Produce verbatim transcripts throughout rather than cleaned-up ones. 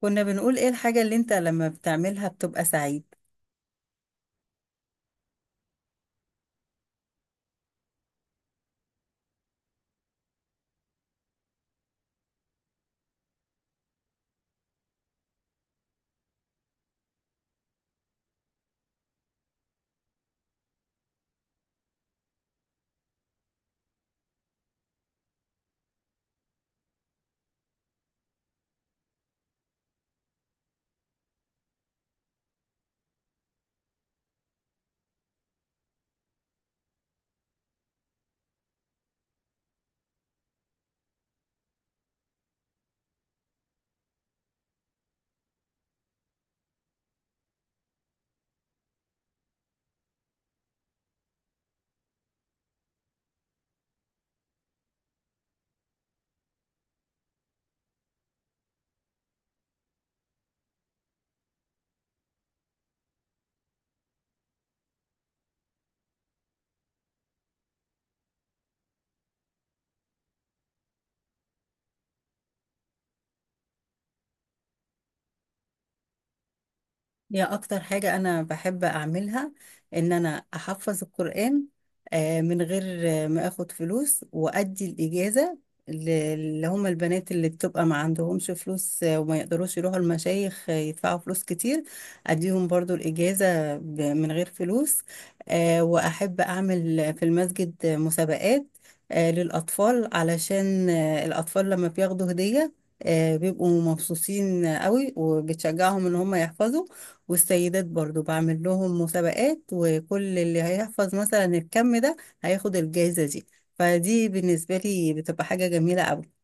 كنا بنقول ايه الحاجة اللي انت لما بتعملها بتبقى سعيد؟ هي أكتر حاجة أنا بحب أعملها إن أنا أحفظ القرآن آه، من غير آه، ما أخد فلوس وأدي الإجازة ل- اللي هم البنات اللي بتبقى ما عندهمش فلوس، آه، وما يقدروش يروحوا المشايخ آه، يدفعوا فلوس كتير. أديهم برضو الإجازة ب- من غير فلوس آه، وأحب أعمل في المسجد آه، مسابقات آه، للأطفال علشان آه، الأطفال لما بياخدوا هدية آه، بيبقوا مبسوطين قوي وبتشجعهم إن هم يحفظوا. والسيدات برضو بعمل لهم مسابقات، وكل اللي هيحفظ مثلا الكم ده هياخد الجائزة دي. فدي بالنسبة لي بتبقى حاجة جميلة أوي.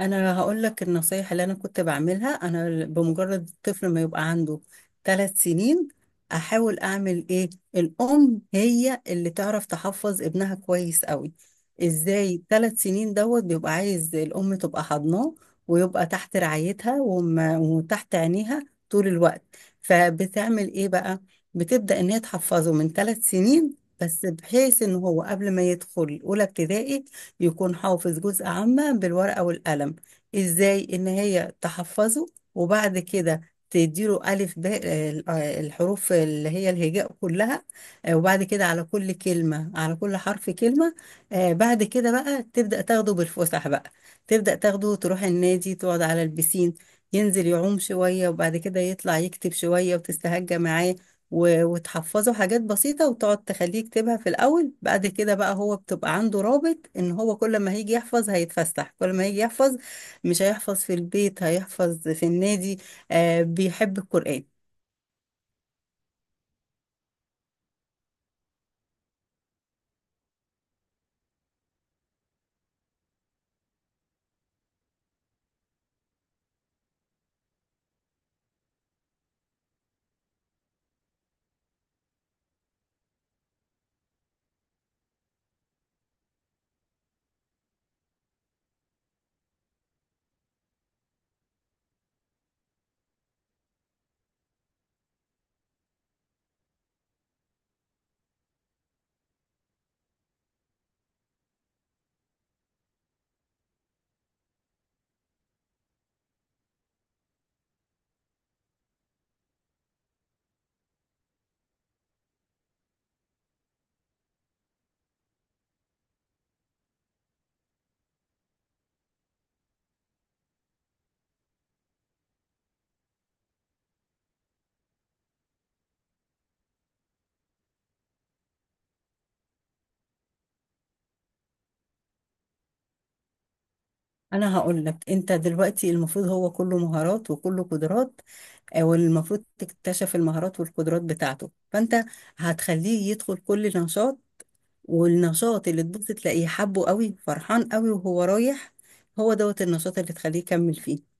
انا هقول لك النصايح اللي انا كنت بعملها. انا بمجرد الطفل ما يبقى عنده ثلاث سنين احاول اعمل ايه؟ الام هي اللي تعرف تحفظ ابنها كويس قوي. ازاي؟ ثلاث سنين دوت بيبقى عايز الام تبقى حضناه ويبقى تحت رعايتها وما- وتحت عينيها طول الوقت. فبتعمل ايه بقى؟ بتبدأ ان هي تحفظه من ثلاث سنين، بس بحيث ان هو قبل ما يدخل اولى ابتدائي يكون حافظ جزء عامة بالورقة والقلم. ازاي ان هي تحفظه؟ وبعد كده تديله ألف باء آه، الحروف اللي هي الهجاء كلها آه، وبعد كده على كل كلمة، على كل حرف كلمة آه، بعد كده بقى تبدأ تاخده بالفسح بقى. تبدأ تاخده تروح النادي، تقعد على البسين، ينزل يعوم شوية وبعد كده يطلع يكتب شوية وتستهجى معاه، و- وتحفظه حاجات بسيطة وتقعد تخليه يكتبها في الأول. بعد كده بقى هو بتبقى عنده رابط إن هو كل ما هيجي يحفظ هيتفسح، كل ما هيجي يحفظ مش هيحفظ في البيت، هيحفظ في النادي. آه، بيحب القرآن. أنا هقول لك: أنت دلوقتي المفروض هو كله مهارات وكله قدرات آه، والمفروض تكتشف المهارات والقدرات بتاعته. فأنت هتخليه يدخل كل نشاط، والنشاط اللي تبص تلاقيه حبه قوي فرحان قوي وهو رايح، هو دوت النشاط اللي تخليه يكمل فيه.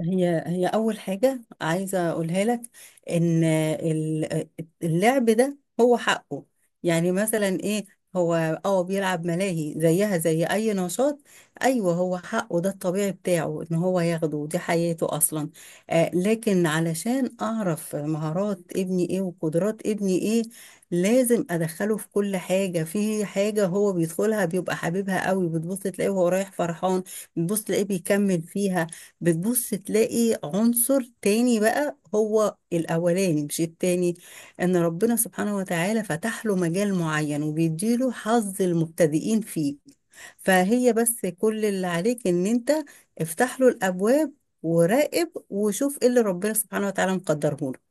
هي هي أول حاجة عايزة أقولها لك، إن ال- اللعب ده هو حقه. يعني مثلا إيه؟ هو اه بيلعب ملاهي زيها زي أي نشاط. أيوه، هو حقه، ده الطبيعي بتاعه، إن هو ياخده، دي حياته أصلا. آه، لكن علشان أعرف مهارات ابني إيه وقدرات ابني إيه، لازم أدخله في كل حاجة. في حاجة هو بيدخلها بيبقى حاببها قوي، بتبص تلاقيه وهو رايح فرحان، بتبص تلاقيه بيكمل فيها. بتبص تلاقي عنصر تاني بقى هو الأولاني مش التاني، إن ربنا سبحانه وتعالى فتح له مجال معين وبيديله حظ المبتدئين فيه. فهي بس كل اللي عليك إن أنت افتح له الأبواب، وراقب وشوف إيه اللي ربنا سبحانه وتعالى مقدره لك.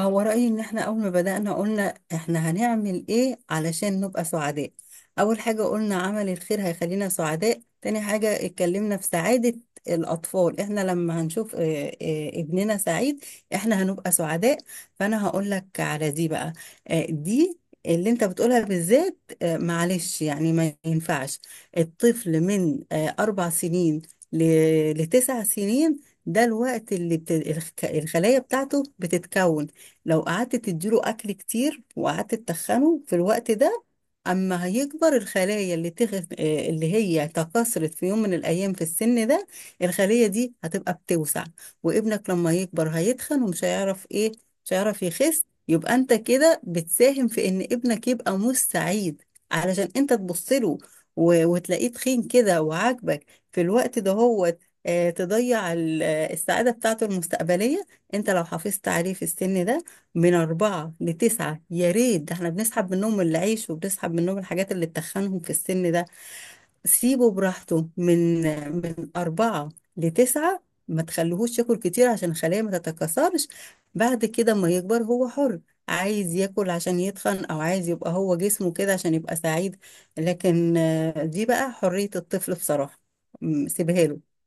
هو رأيي إن إحنا أول ما بدأنا قلنا إحنا هنعمل إيه علشان نبقى سعداء. أول حاجة قلنا عمل الخير هيخلينا سعداء، تاني حاجة اتكلمنا في سعادة الأطفال. إحنا لما هنشوف آه، آه، ابننا سعيد إحنا هنبقى سعداء. فأنا هقول لك على دي بقى آه، دي اللي انت بتقولها بالذات آه، معلش يعني ما ينفعش الطفل من آه، أربع سنين ل- لتسع سنين. ده الوقت اللي بت... الخ- الخلايا بتاعته بتتكون. لو قعدت تديله اكل كتير وقعدت تتخنه في الوقت ده، اما هيكبر الخلايا اللي تغ... آه، اللي هي تكاثرت في يوم من الايام في السن ده، الخلية دي هتبقى بتوسع. وابنك لما يكبر هيتخن ومش هيعرف ايه، مش هيعرف يخس. يبقى انت كده بتساهم في ان ابنك يبقى مش سعيد، علشان انت تبص له و... وتلاقيه تخين كده وعاجبك في الوقت ده. هو تضيع ال- آه، السعادة بتاعته المستقبلية. انت لو حافظت عليه في السن ده من أربعة لتسعة يا ريت. ده احنا بنسحب منهم العيش وبنسحب منهم الحاجات اللي تخنهم في السن ده. سيبه براحته من من أربعة لتسعة. ما تخليهوش ياكل كتير عشان الخلية ما تتكاثرش. بعد كده ما يكبر هو حر، عايز ياكل عشان يتخن أو عايز يبقى هو جسمه كده عشان يبقى سعيد. لكن آه، دي بقى حرية الطفل بصراحة. م، سيبها له.